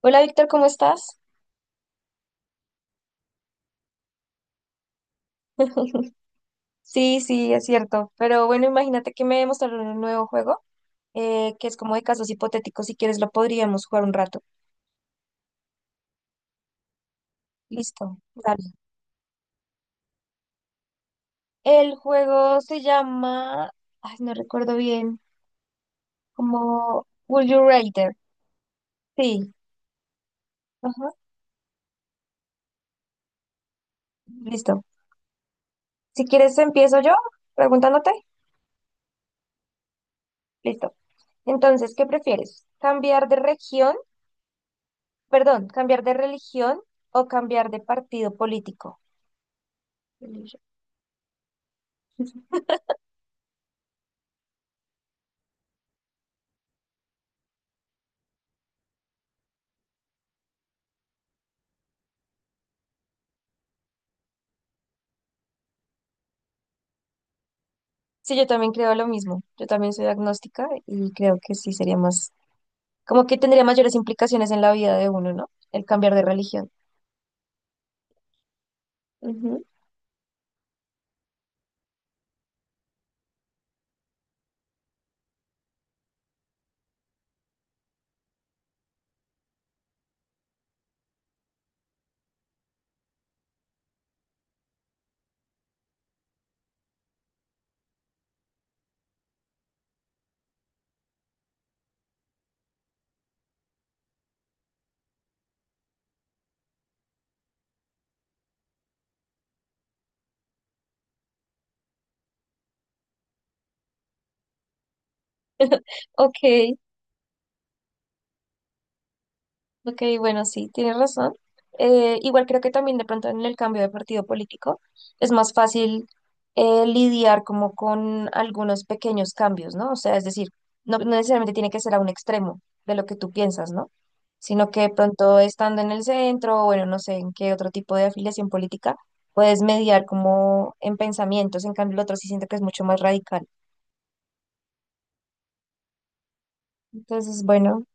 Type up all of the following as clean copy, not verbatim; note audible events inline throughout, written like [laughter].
Hola Víctor, ¿cómo estás? [laughs] Sí, sí, es cierto. Pero bueno, imagínate que me mostraron un nuevo juego que es como de casos hipotéticos. Si quieres, lo podríamos jugar un rato. Listo, dale. El juego se llama, ay, no recuerdo bien, como Would You Rather. Sí, ajá, listo. Si quieres, empiezo yo preguntándote. Listo. Entonces, ¿qué prefieres? ¿Cambiar de región, perdón, cambiar de religión o cambiar de partido político? Sí, yo también creo lo mismo. Yo también soy agnóstica y creo que sí sería más, como que tendría mayores implicaciones en la vida de uno, ¿no? El cambiar de religión. Ujú. Ok, ok, bueno, sí, tienes razón. Igual creo que también de pronto en el cambio de partido político es más fácil lidiar como con algunos pequeños cambios, ¿no? O sea, es decir, no, no necesariamente tiene que ser a un extremo de lo que tú piensas, ¿no? Sino que de pronto estando en el centro, o bueno, no sé en qué otro tipo de afiliación política, puedes mediar como en pensamientos, en cambio el otro sí siento que es mucho más radical. Entonces, bueno,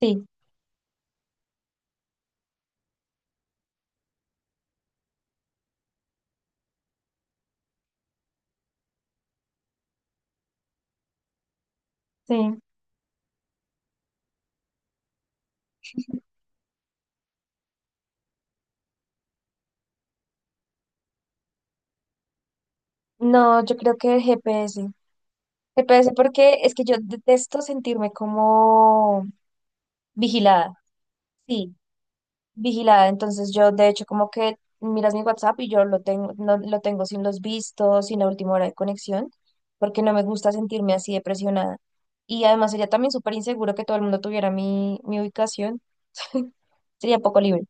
sí, sí. No, yo creo que el GPS. Me parece porque es que yo detesto sentirme como vigilada. Sí, vigilada. Entonces yo de hecho como que miras mi WhatsApp y yo lo tengo, no, lo tengo sin los vistos, sin la última hora de conexión, porque no me gusta sentirme así de presionada. Y además sería también súper inseguro que todo el mundo tuviera mi, mi ubicación. Sería poco libre.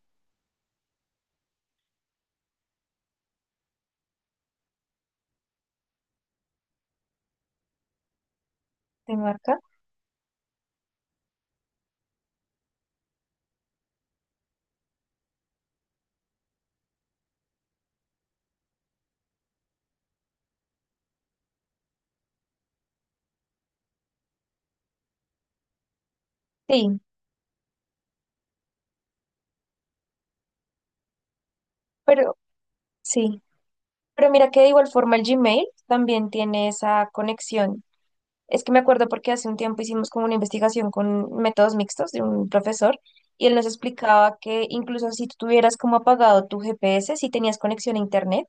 ¿Te marca? Sí, pero sí. Pero mira que de igual forma el Gmail también tiene esa conexión. Es que me acuerdo porque hace un tiempo hicimos como una investigación con métodos mixtos de un profesor y él nos explicaba que incluso si tú tuvieras como apagado tu GPS, si tenías conexión a internet,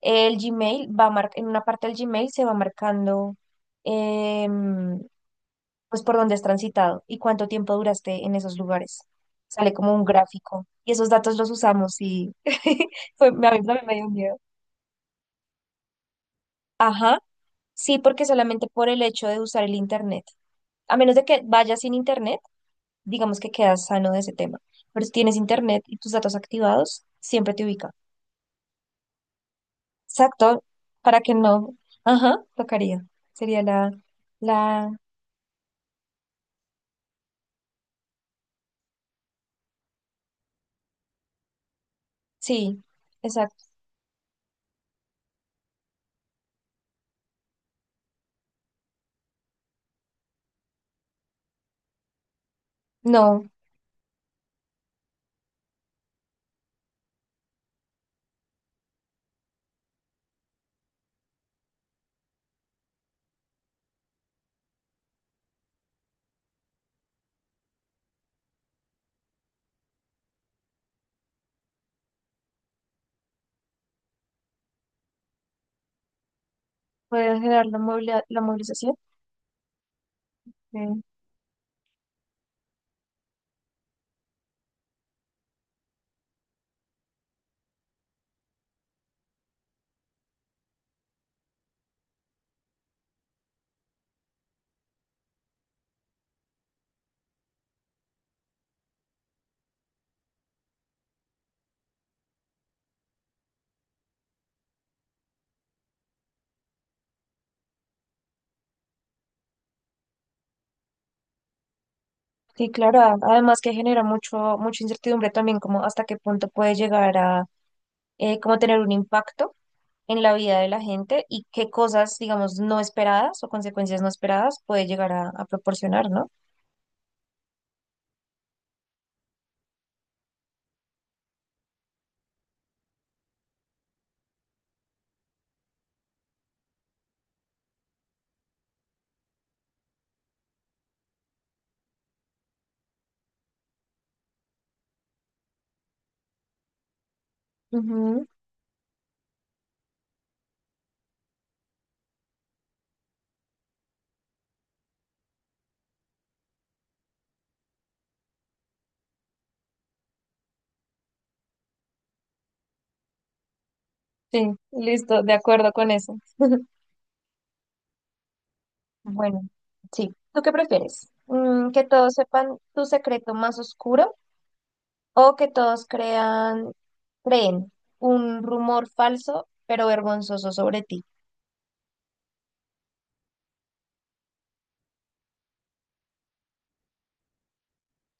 el Gmail en una parte del Gmail se va marcando em, pues por dónde has transitado y cuánto tiempo duraste en esos lugares. Sale como un gráfico y esos datos los usamos y [laughs] fue, a mí también me dio miedo. Ajá. Sí, porque solamente por el hecho de usar el internet. A menos de que vayas sin internet digamos que quedas sano de ese tema. Pero si tienes internet y tus datos activados, siempre te ubica. Exacto, para que no. Ajá, tocaría. Sería la, sí, exacto. No, puede generar la movilización. Sí, sí, claro, además que genera mucho, mucha incertidumbre también, como hasta qué punto puede llegar a como tener un impacto en la vida de la gente y qué cosas, digamos, no esperadas o consecuencias no esperadas puede llegar a proporcionar, ¿no? Ujú. Sí, listo, de acuerdo con eso. Bueno, sí. ¿Tú qué prefieres? ¿Que todos sepan tu secreto más oscuro o que todos creen un rumor falso pero vergonzoso sobre ti?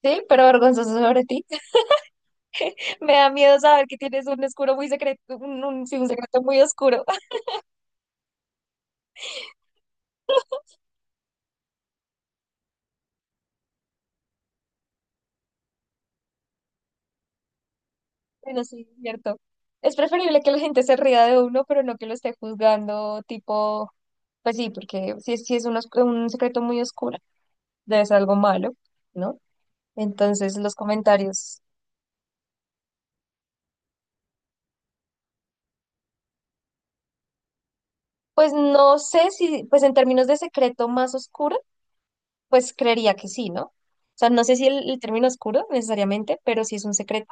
Sí, pero vergonzoso sobre ti. [laughs] Me da miedo saber que tienes un oscuro muy secreto, sí, un secreto muy oscuro. [laughs] Bueno, sí, es cierto. Es preferible que la gente se ría de uno, pero no que lo esté juzgando, tipo, pues sí, porque si es, sí es un secreto muy oscuro. Debe ser algo malo, ¿no? Entonces los comentarios, pues no sé si, pues en términos de secreto más oscuro, pues creería que sí, ¿no? O sea, no sé si el término oscuro necesariamente, pero si es un secreto,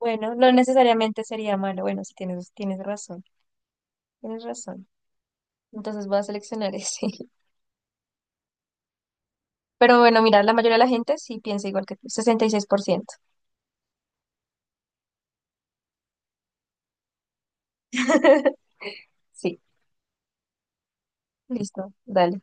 bueno, no necesariamente sería malo. Bueno, sí tienes razón, tienes razón. Entonces voy a seleccionar ese. [laughs] Pero bueno, mira, la mayoría de la gente sí piensa igual que tú, 66%. [laughs] Sí, listo, dale.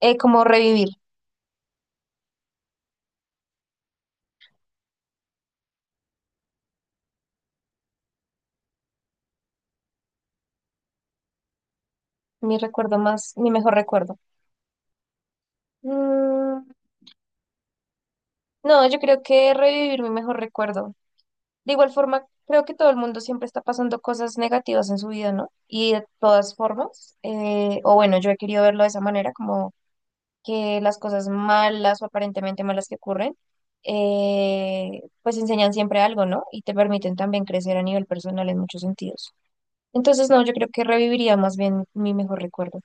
Como revivir, mi mejor recuerdo. Mm, No, yo creo que revivir mi mejor recuerdo. De igual forma, creo que todo el mundo siempre está pasando cosas negativas en su vida, ¿no? Y de todas formas, o bueno, yo he querido verlo de esa manera, como que las cosas malas o aparentemente malas que ocurren, pues enseñan siempre algo, ¿no? Y te permiten también crecer a nivel personal en muchos sentidos. Entonces, no, yo creo que reviviría más bien mi mejor recuerdo.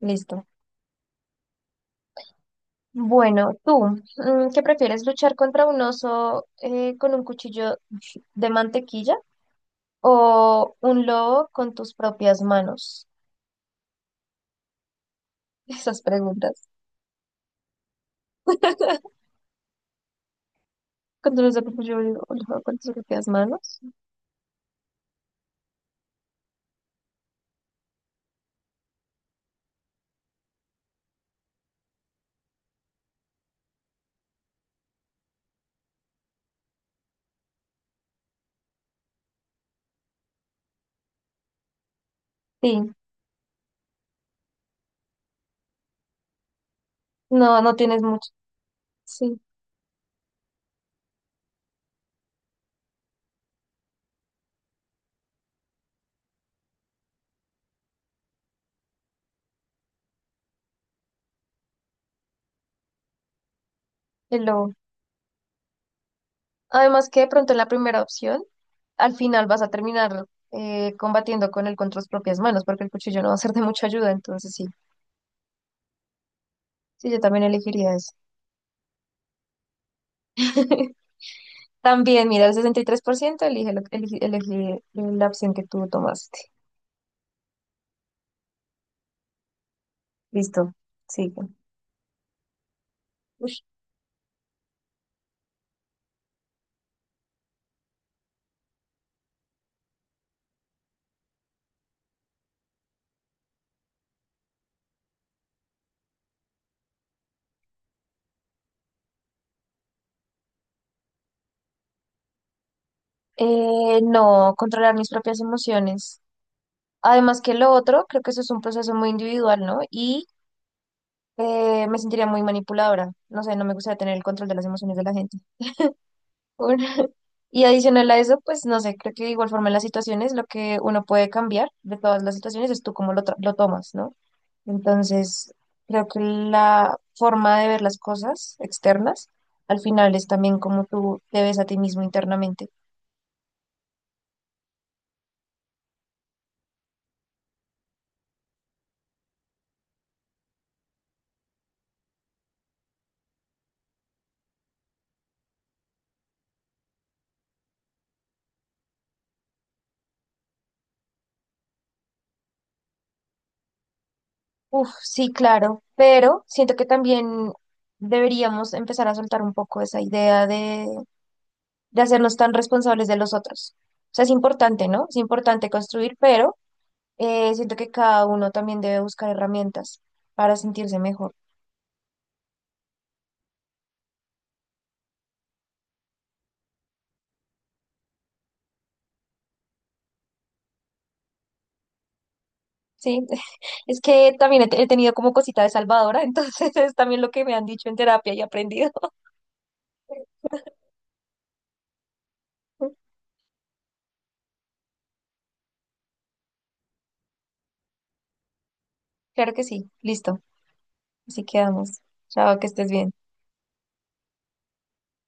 Listo. Bueno, tú, ¿qué prefieres? ¿Luchar contra un oso con un cuchillo de mantequilla? ¿O un lobo con tus propias manos? [laughs] Esas preguntas. Cuando los de Papu yo digo, un lobo con tus propias manos. Sí, no, no tienes mucho. Sí, el lobo. Además que de pronto en la primera opción, al final vas a terminar combatiendo con él con tus propias manos, porque el cuchillo no va a ser de mucha ayuda, entonces sí, sí, yo también elegiría eso. [laughs] También, mira, el 63% elige, elige la opción que tú tomaste. Listo, sigue. No, controlar mis propias emociones. Además que lo otro, creo que eso es un proceso muy individual, ¿no? Y me sentiría muy manipuladora. No sé, no me gustaría tener el control de las emociones de la gente. Bueno, [laughs] y adicional a eso, pues no sé, creo que de igual forma en las situaciones lo que uno puede cambiar de todas las situaciones es tú cómo lo tomas, ¿no? Entonces, creo que la forma de ver las cosas externas al final es también cómo tú te ves a ti mismo internamente. Uf, sí, claro, pero siento que también deberíamos empezar a soltar un poco esa idea de hacernos tan responsables de los otros. O sea, es importante, ¿no? Es importante construir, pero siento que cada uno también debe buscar herramientas para sentirse mejor. Sí, [laughs] es que también he tenido como cosita de salvadora, [laughs] entonces es también lo que me han dicho en terapia y he aprendido. [laughs] Claro que sí, listo, así quedamos. Chao, que estés bien.